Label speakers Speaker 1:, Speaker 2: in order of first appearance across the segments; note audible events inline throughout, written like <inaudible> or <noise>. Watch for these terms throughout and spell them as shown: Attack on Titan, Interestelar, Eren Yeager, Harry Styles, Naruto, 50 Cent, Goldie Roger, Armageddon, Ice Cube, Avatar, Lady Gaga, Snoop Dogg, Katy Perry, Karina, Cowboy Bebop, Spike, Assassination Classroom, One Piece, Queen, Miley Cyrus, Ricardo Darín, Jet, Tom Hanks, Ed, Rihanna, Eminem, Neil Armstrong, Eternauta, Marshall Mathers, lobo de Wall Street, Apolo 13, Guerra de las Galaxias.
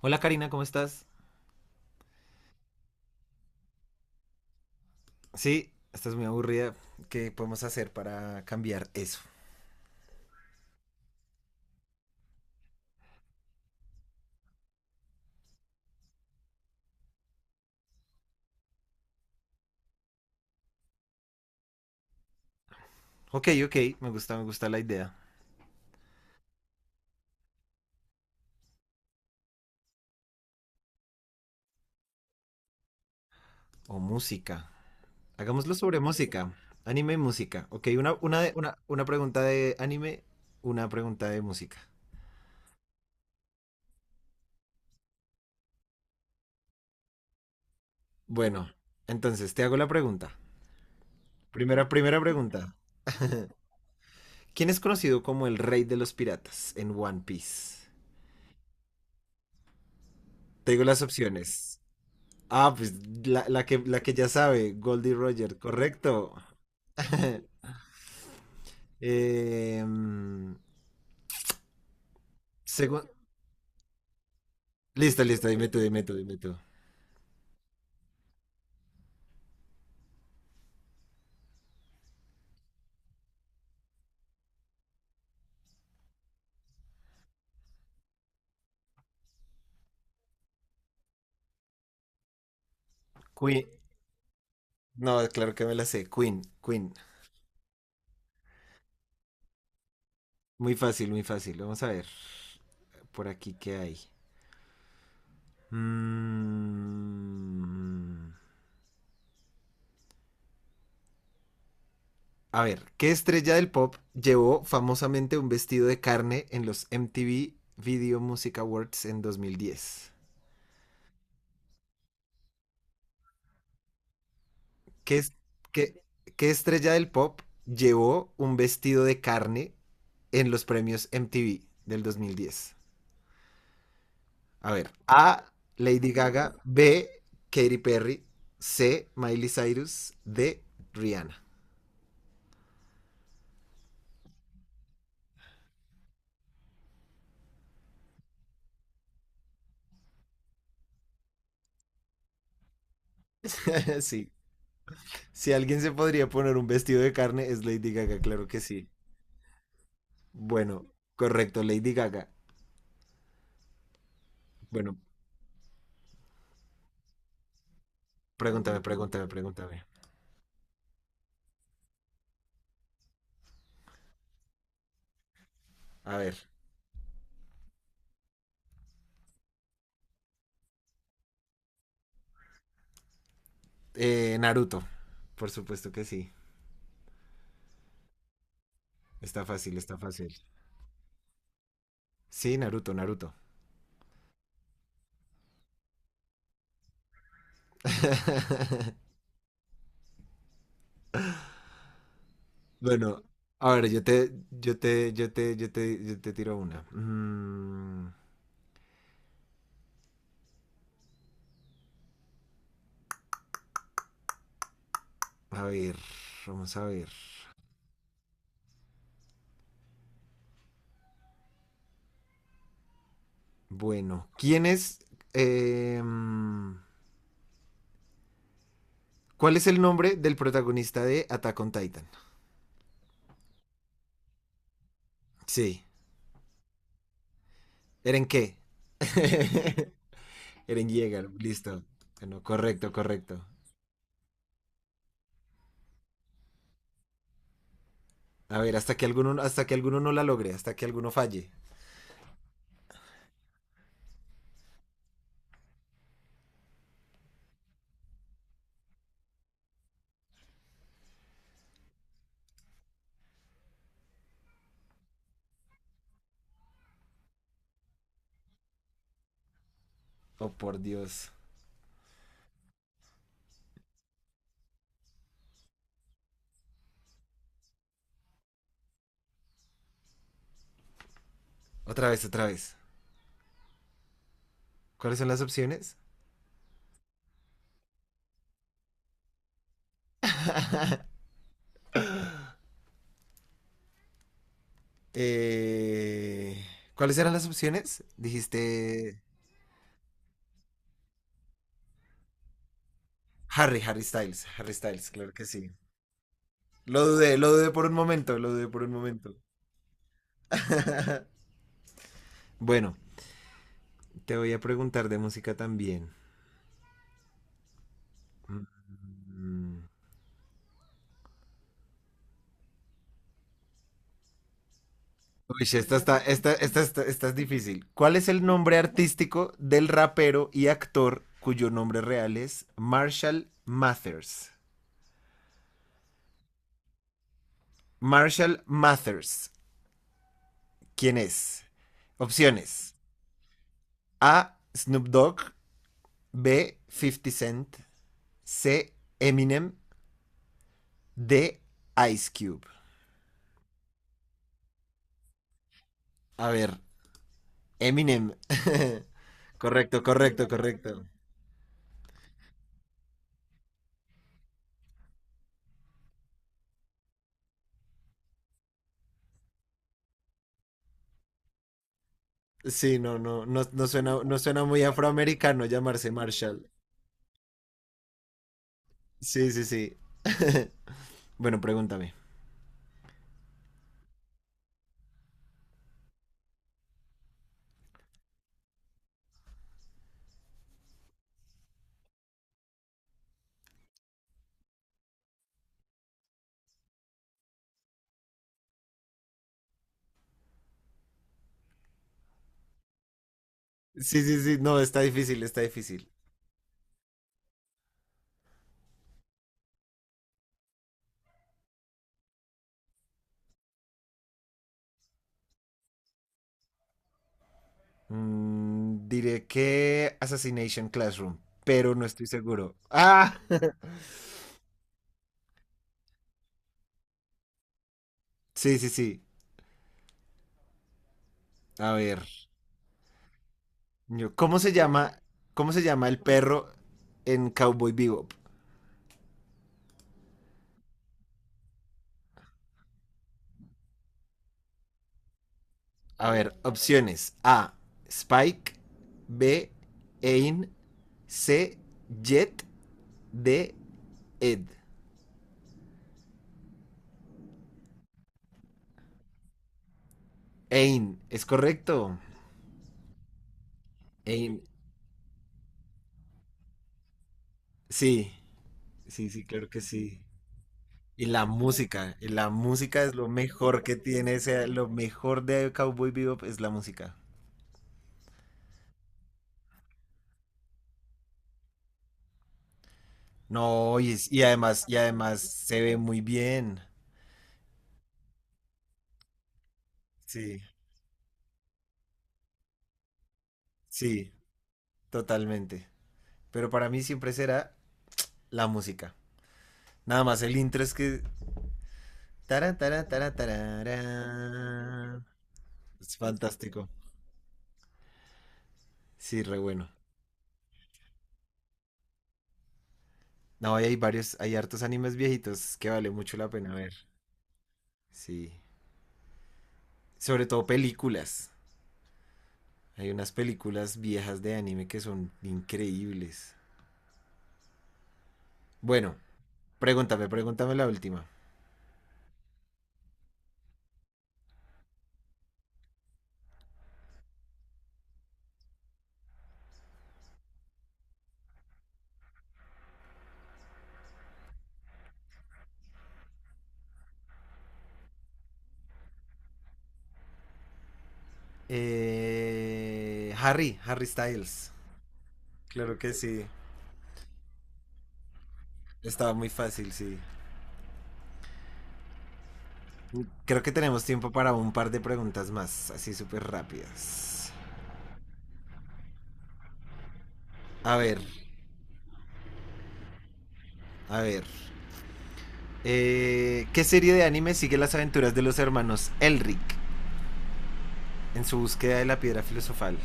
Speaker 1: Hola Karina, ¿cómo estás? Sí, estás muy aburrida. ¿Qué podemos hacer para cambiar eso? Ok, ok, me gusta la idea. O música. Hagámoslo sobre música. Anime y música. Ok, una pregunta de anime, una pregunta de música. Bueno, entonces te hago la pregunta. Primera pregunta. ¿Quién es conocido como el rey de los piratas en One Piece? Te digo las opciones. Ah, pues la que ya sabe, Goldie Roger, correcto. <laughs> Eh, mm, segun- Listo, listo, dime tú, dime tú, dime tú. Queen. No, claro que me la sé. Queen, Queen. Muy fácil, muy fácil. Vamos a ver. Por aquí, ¿qué hay? Mm, A ver, ¿qué estrella del pop llevó famosamente un vestido de carne en los MTV Video Music Awards en 2010? ¿Qué, es- qué- ¿Qué estrella del pop llevó un vestido de carne en los premios MTV del 2010? A ver, A, Lady Gaga, B, Katy Perry, C, Miley Cyrus, D, Rihanna. <laughs> Sí, si alguien se podría poner un vestido de carne es Lady Gaga, claro que sí. Bueno, correcto, Lady Gaga. Bueno, pregúntame, pregúntame, pregúntame. A ver, Naruto, por supuesto que sí. Está fácil, está fácil. Sí, Naruto, Naruto. <laughs> Bueno, a ver, yo te tiro una. A ver, vamos a ver. Bueno, ¿quién es? eh, ¿Cuál es el nombre del protagonista de Attack on Titan? Sí, ¿Eren qué? <laughs> Eren Yeager, listo. Bueno, correcto, correcto. A ver, hasta que alguno no la logre, hasta que alguno falle. Oh, por Dios. Otra vez, otra vez. ¿Cuáles son las opciones? Eh, ¿Cuáles eran las opciones? Dijiste Harry, Harry Styles, Harry Styles, claro que sí. Lo dudé por un momento, lo dudé por un momento. <laughs> Bueno, te voy a preguntar de música también. Mm. Uy, esta es difícil. ¿Cuál es el nombre artístico del rapero y actor cuyo nombre real es Marshall Mathers? Marshall Mathers, ¿quién es? Opciones. A, Snoop Dogg. B, 50 Cent. C, Eminem. D, Ice Cube. A ver, Eminem. <laughs> correcto, correcto, correcto. Sí, no, no, no, no suena muy afroamericano llamarse Marshall. Sí, sí, sí. <laughs> Bueno, pregúntame. Sí, sí, sí, no, está difícil, está difícil. Diré que Assassination Classroom, pero no estoy seguro. Ah, <laughs> sí, sí, sí. A ver, yo- ¿cómo se llama, cómo se llama el perro en Cowboy Bebop? A ver, opciones. A, Spike. B, Ain. C, Jet. D, Ed. Ain. ¿Es correcto? Ain. Sí. Sí, sí, claro que sí. Y la música es lo mejor que tiene. Ese, lo mejor de Cowboy Bebop es la música. No, y además se ve muy bien. Sí, sí, totalmente. Pero para mí siempre será la música. Nada más el intro es que tará, tará, tará, tarará. Es fantástico. Sí, re bueno. No, y hay varios, hay hartos animes viejitos que vale mucho la pena ver. Sí. Sobre todo películas. Hay unas películas viejas de anime que son increíbles. Bueno, pregúntame, pregúntame la última. Harry, Harry Styles. Claro que sí. Estaba muy fácil, sí. Creo que tenemos tiempo para un par de preguntas más, así súper rápidas. A ver. A ver. ¿Qué serie de anime sigue las aventuras de los hermanos Elric en su búsqueda de la piedra filosofal?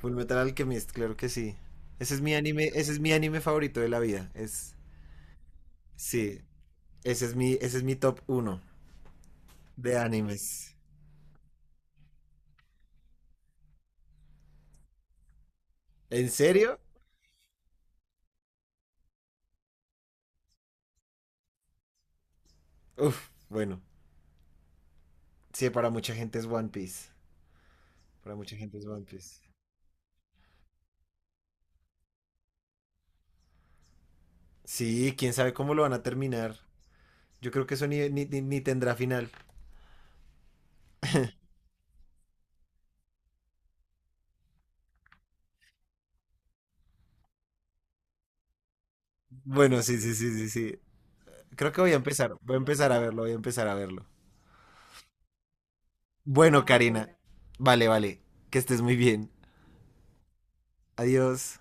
Speaker 1: Full Metal Alchemist, claro que sí. Ese es mi anime, ese es mi anime favorito de la vida. Es, sí, ese es mi top uno de animes. ¿En serio? Uf, bueno. Sí, para mucha gente es One Piece. Para mucha gente es One Piece. Sí, quién sabe cómo lo van a terminar. Yo creo que eso ni tendrá final. Bueno, sí, sí, sí, sí, sí. Creo que voy a empezar a verlo. Bueno, Karina, vale, vale, que estés muy bien. Adiós.